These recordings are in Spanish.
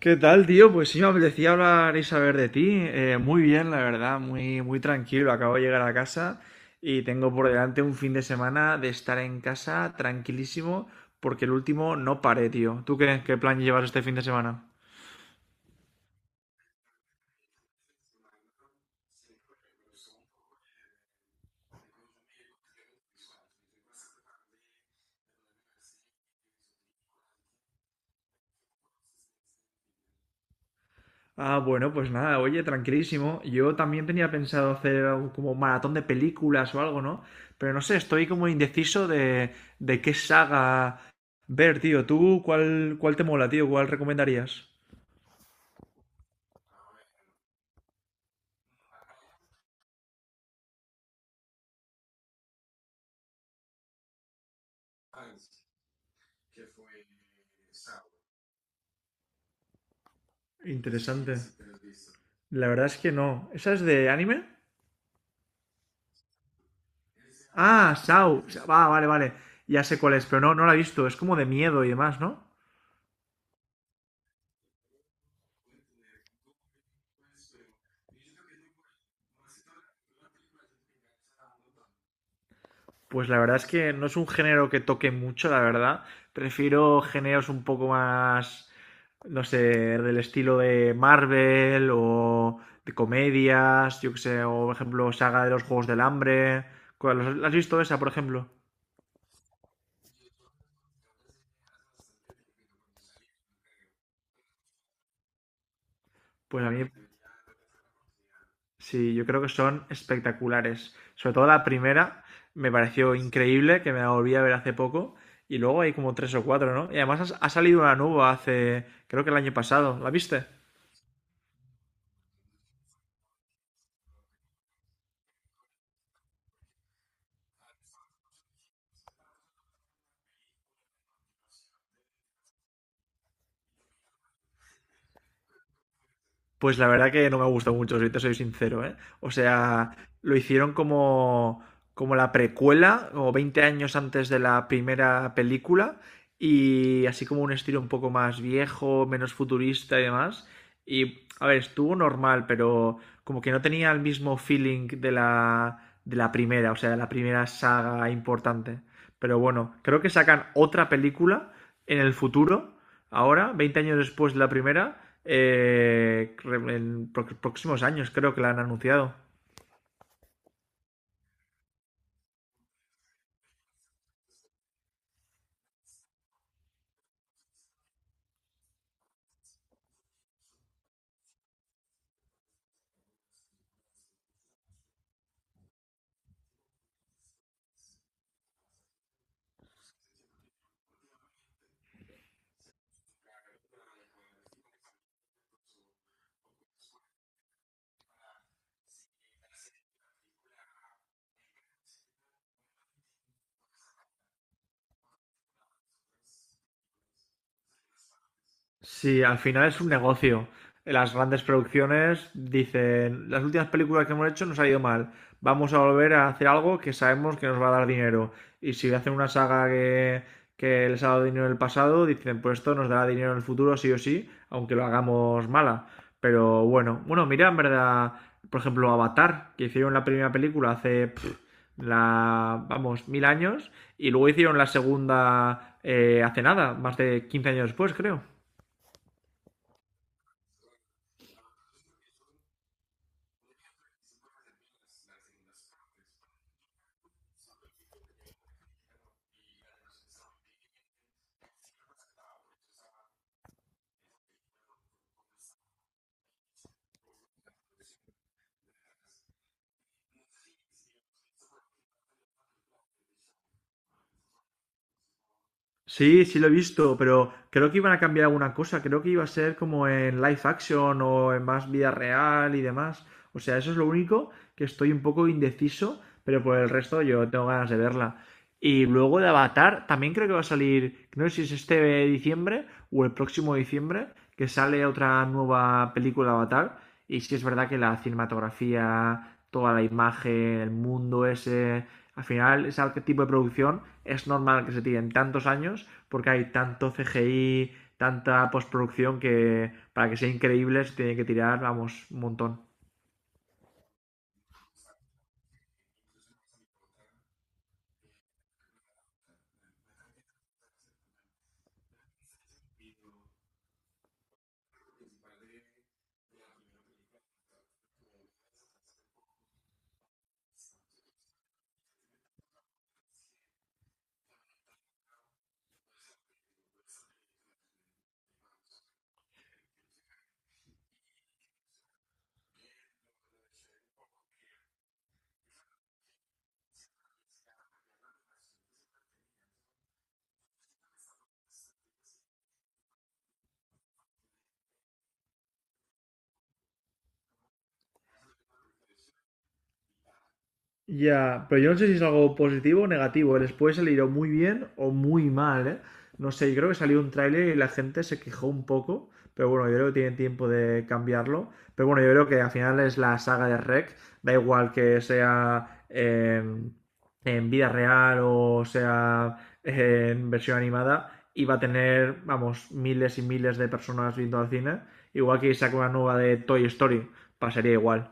¿Qué tal, tío? Pues sí, me apetecía hablar y saber de ti. Muy bien, la verdad, muy, muy tranquilo. Acabo de llegar a casa y tengo por delante un fin de semana de estar en casa tranquilísimo porque el último no paré, tío. ¿Tú qué plan llevas este fin de semana? Ah, bueno, pues nada, oye, tranquilísimo. Yo también tenía pensado hacer algo como maratón de películas o algo, ¿no? Pero no sé, estoy como indeciso de qué saga ver, tío. ¿Tú cuál te mola, tío? ¿Cuál recomendarías? Interesante. La verdad es que no. ¿Esa es de anime? Ah, Sao. Ah, vale, vale. Ya sé cuál es, pero no, no la he visto. Es como de miedo y demás, ¿no? Pues la verdad es que no es un género que toque mucho, la verdad. Prefiero géneros un poco más, no sé, del estilo de Marvel o de comedias, yo que sé, o por ejemplo, saga de los Juegos del Hambre. ¿Has visto esa, por ejemplo? Pues a mí Sí, yo creo que son espectaculares. Sobre todo la primera me pareció increíble, que me la volví a ver hace poco. Y luego hay como tres o cuatro, ¿no? Y además ha salido una nueva hace, creo que el año pasado. ¿La viste? Pues la verdad que no me ha gustado mucho, si te soy sincero, ¿eh? O sea, lo hicieron como la precuela, como 20 años antes de la primera película, y así como un estilo un poco más viejo, menos futurista y demás. Y, a ver, estuvo normal, pero como que no tenía el mismo feeling de la primera, o sea, de la primera saga importante. Pero bueno, creo que sacan otra película en el futuro ahora, 20 años después de la primera, en próximos años creo que la han anunciado. Sí, al final es un negocio. Las grandes producciones dicen, las últimas películas que hemos hecho nos ha ido mal. Vamos a volver a hacer algo que sabemos que nos va a dar dinero. Y si hacen una saga que les ha dado dinero en el pasado, dicen, pues esto nos dará dinero en el futuro sí o sí, aunque lo hagamos mala. Pero bueno, bueno, mira, en verdad, por ejemplo, Avatar, que hicieron la primera película hace, pf, la, vamos, mil años, y luego hicieron la segunda hace nada, más de 15 años después, creo. Sí, sí lo he visto, pero creo que iban a cambiar alguna cosa. Creo que iba a ser como en live action o en más vida real y demás. O sea, eso es lo único que estoy un poco indeciso, pero por el resto yo tengo ganas de verla. Y luego de Avatar, también creo que va a salir, no sé si es este diciembre o el próximo diciembre, que sale otra nueva película de Avatar. Y sí es verdad que la cinematografía, toda la imagen, el mundo ese, al final ese tipo de producción es normal que se tiren tantos años porque hay tanto CGI, tanta postproducción que para que sea increíble se tiene que tirar, vamos, un montón. Ya, pero yo no sé si es algo positivo o negativo. ¿Eh? Les puede salir o muy bien o muy mal, ¿eh? No sé, yo creo que salió un tráiler y la gente se quejó un poco, pero bueno, yo creo que tienen tiempo de cambiarlo. Pero bueno, yo creo que al final es la saga de Rec, da igual que sea en vida real o sea en versión animada, y va a tener, vamos, miles y miles de personas viendo al cine. Igual que saca una nueva de Toy Story, pasaría igual.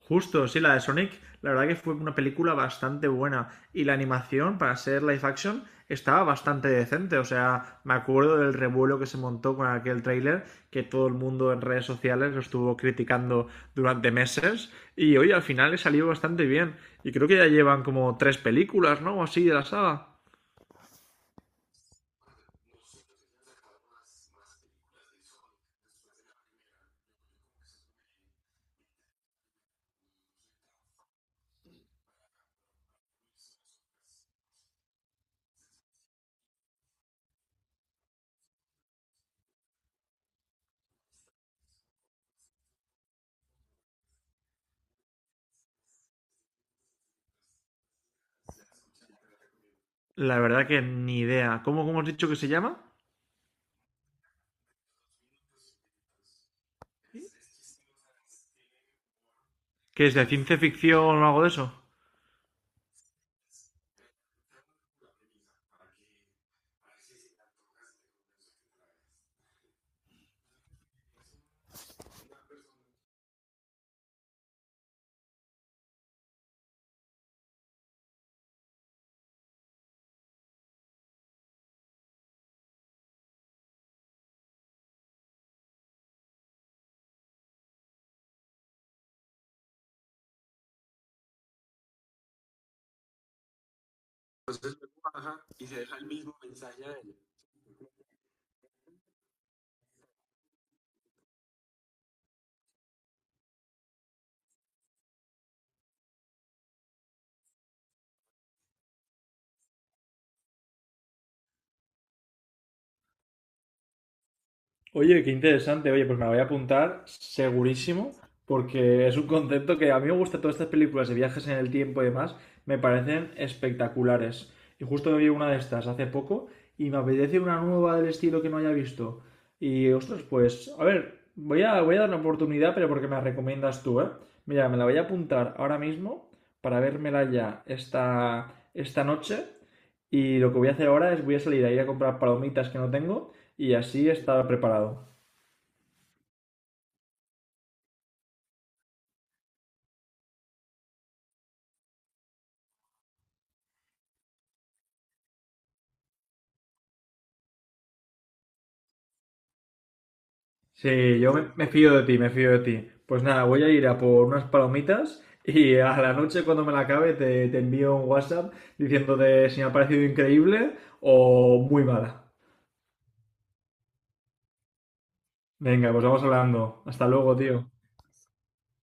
Justo, sí, la de Sonic, la verdad que fue una película bastante buena y la animación para ser live action estaba bastante decente, o sea, me acuerdo del revuelo que se montó con aquel tráiler que todo el mundo en redes sociales lo estuvo criticando durante meses y hoy al final le salió bastante bien y creo que ya llevan como tres películas, ¿no? O así de la saga. La verdad que ni idea. ¿Cómo has dicho que se llama? ¿Que es de ciencia ficción o algo de eso? Oye, qué interesante. Oye, pues me la voy a apuntar segurísimo, porque es un concepto que a mí me gusta todas estas películas de viajes en el tiempo y demás, me parecen espectaculares. Y justo me vi una de estas hace poco y me apetece una nueva del estilo que no haya visto. Y ostras, pues, a ver, voy a dar una oportunidad, pero porque me la recomiendas tú, ¿eh? Mira, me la voy a apuntar ahora mismo para vérmela ya esta noche. Y lo que voy a hacer ahora es voy a salir a ir a comprar palomitas que no tengo y así estar preparado. Sí, yo me fío de ti, me fío de ti. Pues nada, voy a ir a por unas palomitas y a la noche cuando me la acabe te envío un WhatsApp diciéndote si me ha parecido increíble o muy mala. Venga, pues vamos hablando. Hasta luego, tío.